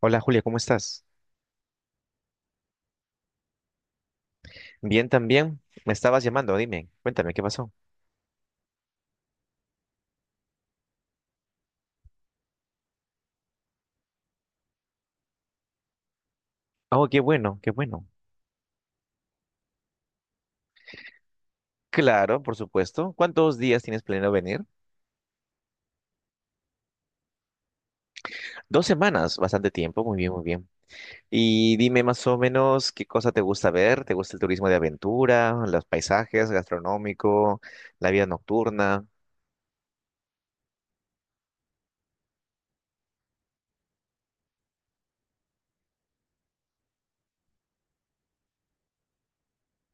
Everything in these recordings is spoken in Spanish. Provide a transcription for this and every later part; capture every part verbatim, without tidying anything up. Hola Julia, ¿cómo estás? Bien también. Me estabas llamando, dime, cuéntame, ¿qué pasó? Oh, qué bueno, qué bueno. Claro, por supuesto. ¿Cuántos días tienes planeado venir? Dos semanas, bastante tiempo, muy bien, muy bien. Y dime más o menos qué cosa te gusta ver, ¿te gusta el turismo de aventura, los paisajes, gastronómico, la vida nocturna?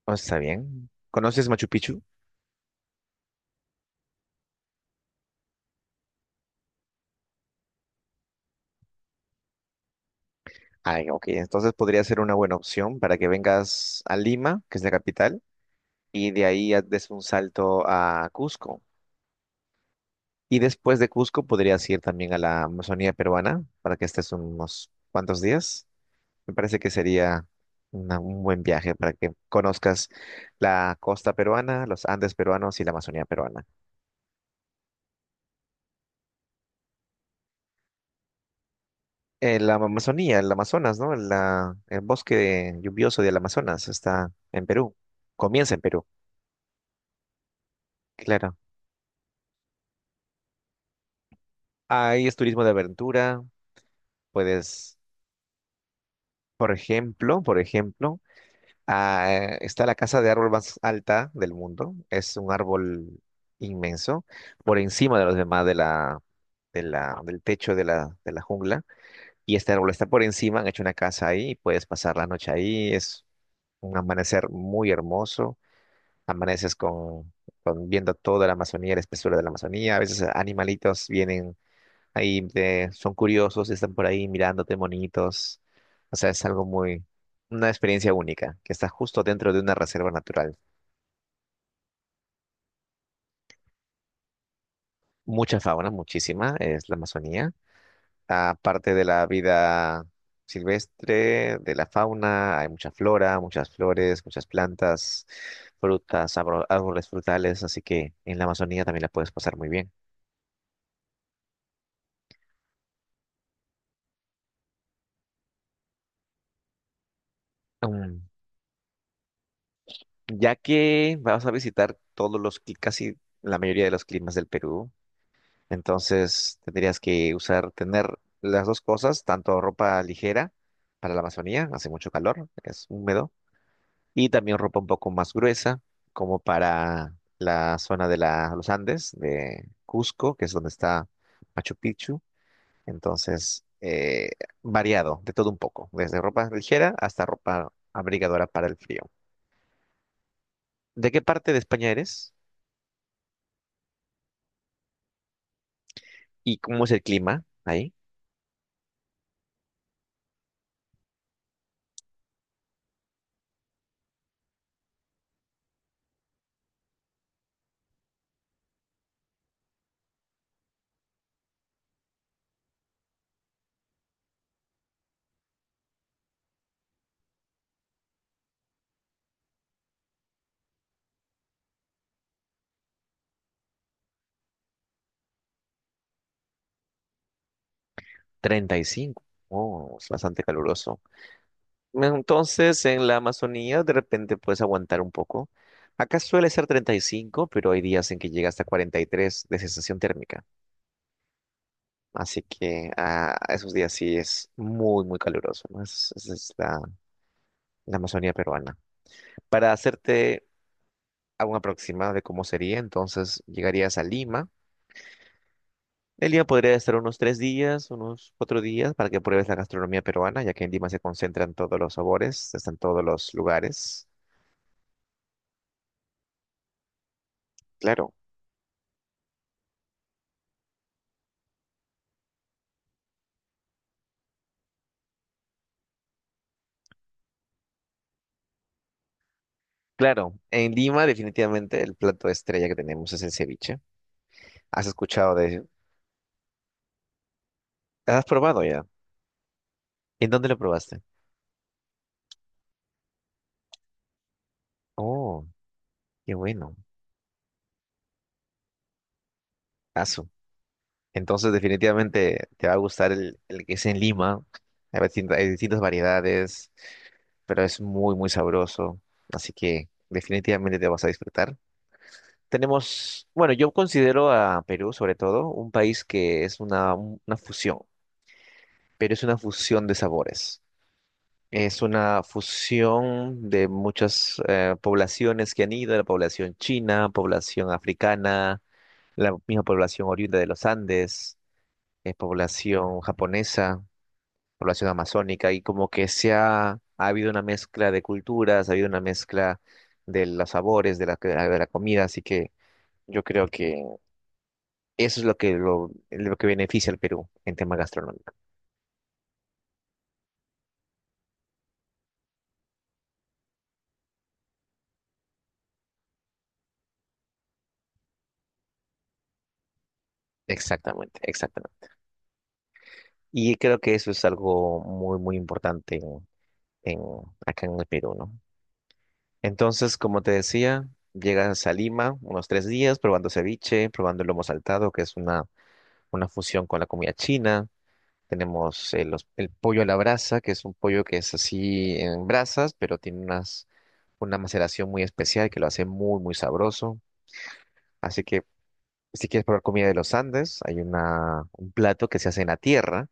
Oh, está bien. ¿Conoces Machu Picchu? Ay, ok, entonces podría ser una buena opción para que vengas a Lima, que es la capital, y de ahí ya des un salto a Cusco. Y después de Cusco podrías ir también a la Amazonía peruana para que estés unos cuantos días. Me parece que sería una- un buen viaje para que conozcas la costa peruana, los Andes peruanos y la Amazonía peruana. Eh, la Amazonía, el Amazonas, ¿no? La- el bosque lluvioso del Amazonas está en Perú. Comienza en Perú, claro. Ahí es turismo de aventura. Puedes, por ejemplo, por ejemplo, Ah, está la casa de árbol más alta del mundo. Es un árbol inmenso, por encima de los demás de la, de la, del techo de la, de la jungla. Y este árbol está por encima, han hecho una casa ahí, y puedes pasar la noche ahí. Es un amanecer muy hermoso. Amaneces con, con viendo toda la Amazonía, la espesura de la Amazonía. A veces animalitos vienen ahí, te- son curiosos, están por ahí mirándote bonitos. O sea, es algo muy, una experiencia única, que está justo dentro de una reserva natural. Mucha fauna, muchísima, es la Amazonía. Aparte de la vida silvestre, de la fauna, hay mucha flora, muchas flores, muchas plantas, frutas, abro- árboles frutales, así que en la Amazonía también la puedes pasar muy bien. Mm, Ya que vas a visitar todos los, cli- casi la mayoría de los climas del Perú. Entonces tendrías que usar, tener las dos cosas, tanto ropa ligera para la Amazonía, hace mucho calor, es húmedo, y también ropa un poco más gruesa, como para la zona de la- los Andes, de Cusco, que es donde está Machu Picchu. Entonces, eh, variado, de todo un poco, desde ropa ligera hasta ropa abrigadora para el frío. ¿De qué parte de España eres? ¿Y cómo es el clima ahí? treinta y cinco. Oh, es bastante caluroso. Entonces, en la Amazonía de repente puedes aguantar un poco. Acá suele ser treinta y cinco, pero hay días en que llega hasta cuarenta y tres de sensación térmica. Así que ah, esos días sí es muy, muy caluroso, ¿no? Es, es- es la, la Amazonía peruana. Para hacerte algún aproximado de cómo sería, entonces llegarías a Lima. En Lima podría estar unos tres días, unos cuatro días, para que pruebes la gastronomía peruana, ya que en Lima se concentran todos los sabores, están todos los lugares. Claro. Claro, en Lima definitivamente el plato estrella que tenemos es el ceviche. ¿Has escuchado de? ¿Has probado ya? ¿En dónde lo probaste? Oh, qué bueno. Asu. Entonces definitivamente te va a gustar el, el que es en Lima. Hay distin- hay distintas variedades, pero es muy, muy sabroso. Así que definitivamente te vas a disfrutar. Tenemos, bueno, yo considero a Perú sobre todo un país que es una, un- una fusión, pero es una fusión de sabores. Es una fusión de muchas eh, poblaciones que han ido, la población china, población africana, la misma población oriunda de los Andes, eh, población japonesa, población amazónica, y como que se ha, ha habido una mezcla de culturas, ha habido una mezcla de los sabores, de la, de la comida, así que yo creo que eso es lo que, lo, lo que beneficia al Perú en tema gastronómico. Exactamente, exactamente. Y creo que eso es algo muy, muy importante en, acá en el Perú, ¿no? Entonces, como te decía, llegas a Lima unos tres días probando ceviche, probando el lomo saltado, que es una, una fusión con la comida china. Tenemos eh, los- el pollo a la brasa, que es un pollo que es así en brasas, pero tiene unas, una maceración muy especial que lo hace muy, muy sabroso. Así que si quieres probar comida de los Andes, hay una, un plato que se hace en la tierra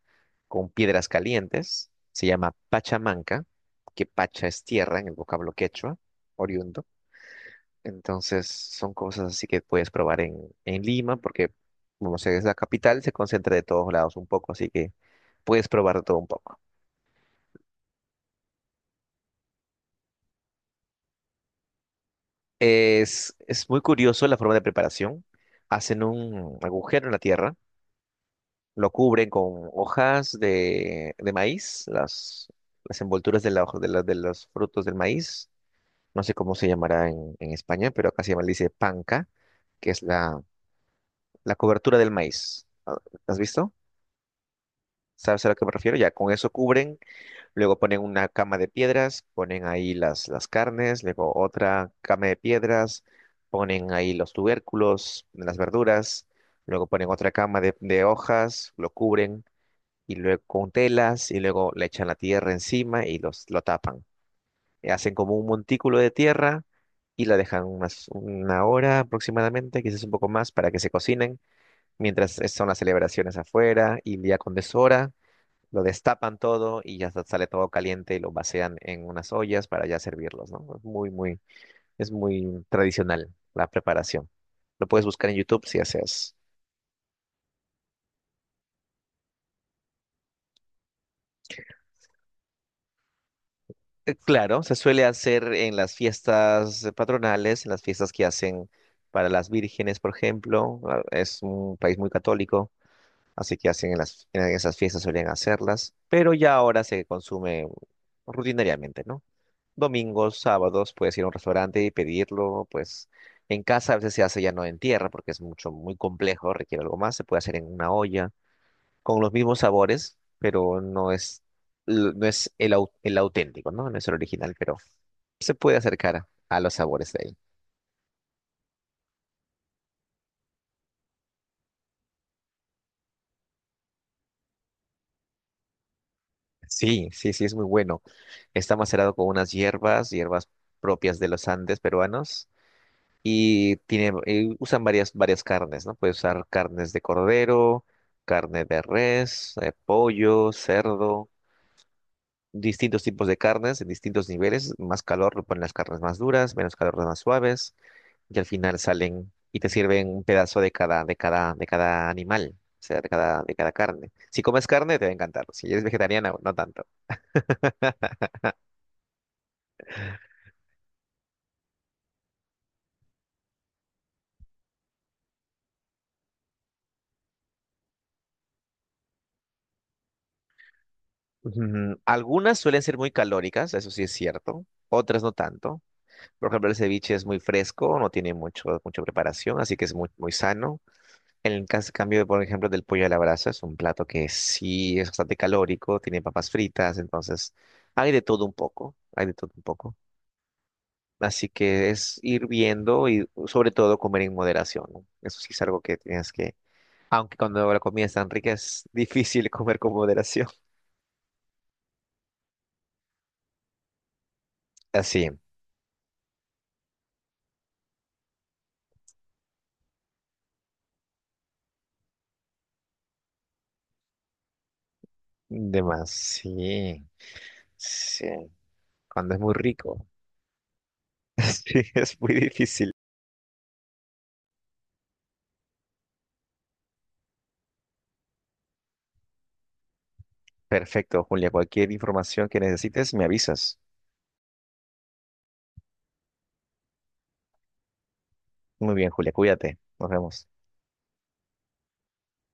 con piedras calientes. Se llama pachamanca, que pacha es tierra en el vocablo quechua, oriundo. Entonces son cosas así que puedes probar en, en Lima, porque como sé, es la capital, se concentra de todos lados un poco, así que puedes probar de todo un poco. Es, es muy curioso la forma de preparación. Hacen un agujero en la tierra. Lo cubren con hojas de, de maíz, las, las envolturas de, la hoja- de, la- de los frutos del maíz. No sé cómo se llamará en, en España, pero acá se llama, le dice panca, que es la, la cobertura del maíz. Ah, ¿has visto? ¿Sabes a lo que me refiero? Ya con eso cubren, luego ponen una cama de piedras, ponen ahí las, las carnes, luego otra cama de piedras, ponen ahí los tubérculos, las verduras, luego ponen otra cama de, de hojas, lo cubren y luego con telas y luego le echan la tierra encima y los lo tapan. Eh, Hacen como un montículo de tierra y la dejan unas, una hora aproximadamente, quizás un poco más, para que se cocinen, mientras es- son las celebraciones afuera y ya con deshora lo destapan todo y ya sa- sale todo caliente y lo vacían en unas ollas para ya servirlos, ¿no? Es muy, muy, es muy tradicional la preparación. Lo puedes buscar en YouTube si deseas. Eh, Claro, se suele hacer en las fiestas eh, patronales, en las fiestas que hacen para las vírgenes, por ejemplo. Ah, es un país muy católico, así que hacen en las, en esas fiestas suelen hacerlas, pero ya ahora se consume rutinariamente, ¿no? Domingos, sábados, puedes ir a un restaurante y pedirlo, pues en casa a veces se hace ya no en tierra porque es mucho, muy complejo, requiere algo más, se puede hacer en una olla, con los mismos sabores, pero no es, l- no es el, au- el auténtico, ¿no? No es el original, pero se puede acercar a los sabores de ahí. Sí, sí, sí, es muy bueno. Está macerado con unas hierbas, hierbas propias de los Andes peruanos, y tiene, y usan varias, varias carnes, ¿no? Puedes usar carnes de cordero, carne de res, eh, pollo, cerdo, distintos tipos de carnes en distintos niveles. Más calor lo ponen las carnes más duras, menos calor las más suaves. Y al final salen y te sirven un pedazo de cada, de cada, de cada animal, o sea, de cada, de cada carne. Si comes carne, te va a encantar. Si eres vegetariana, no tanto. Mm, Algunas suelen ser muy calóricas, eso sí es cierto, otras no tanto. Por ejemplo, el ceviche es muy fresco, no tiene mucho, mucha preparación, así que es muy, muy sano. En el caso, cambio, por ejemplo, del pollo a la brasa, es un plato que sí es bastante calórico, tiene papas fritas, entonces hay de todo un poco, hay de todo un poco. Así que es ir viendo y sobre todo comer en moderación, ¿no? Eso sí es algo que tienes que, aunque cuando la comida es tan rica es difícil comer con moderación. Así, de más, sí, sí, cuando es muy rico, sí, es muy difícil. Perfecto, Julia, cualquier información que necesites me avisas. Muy bien, Julia, cuídate, nos vemos.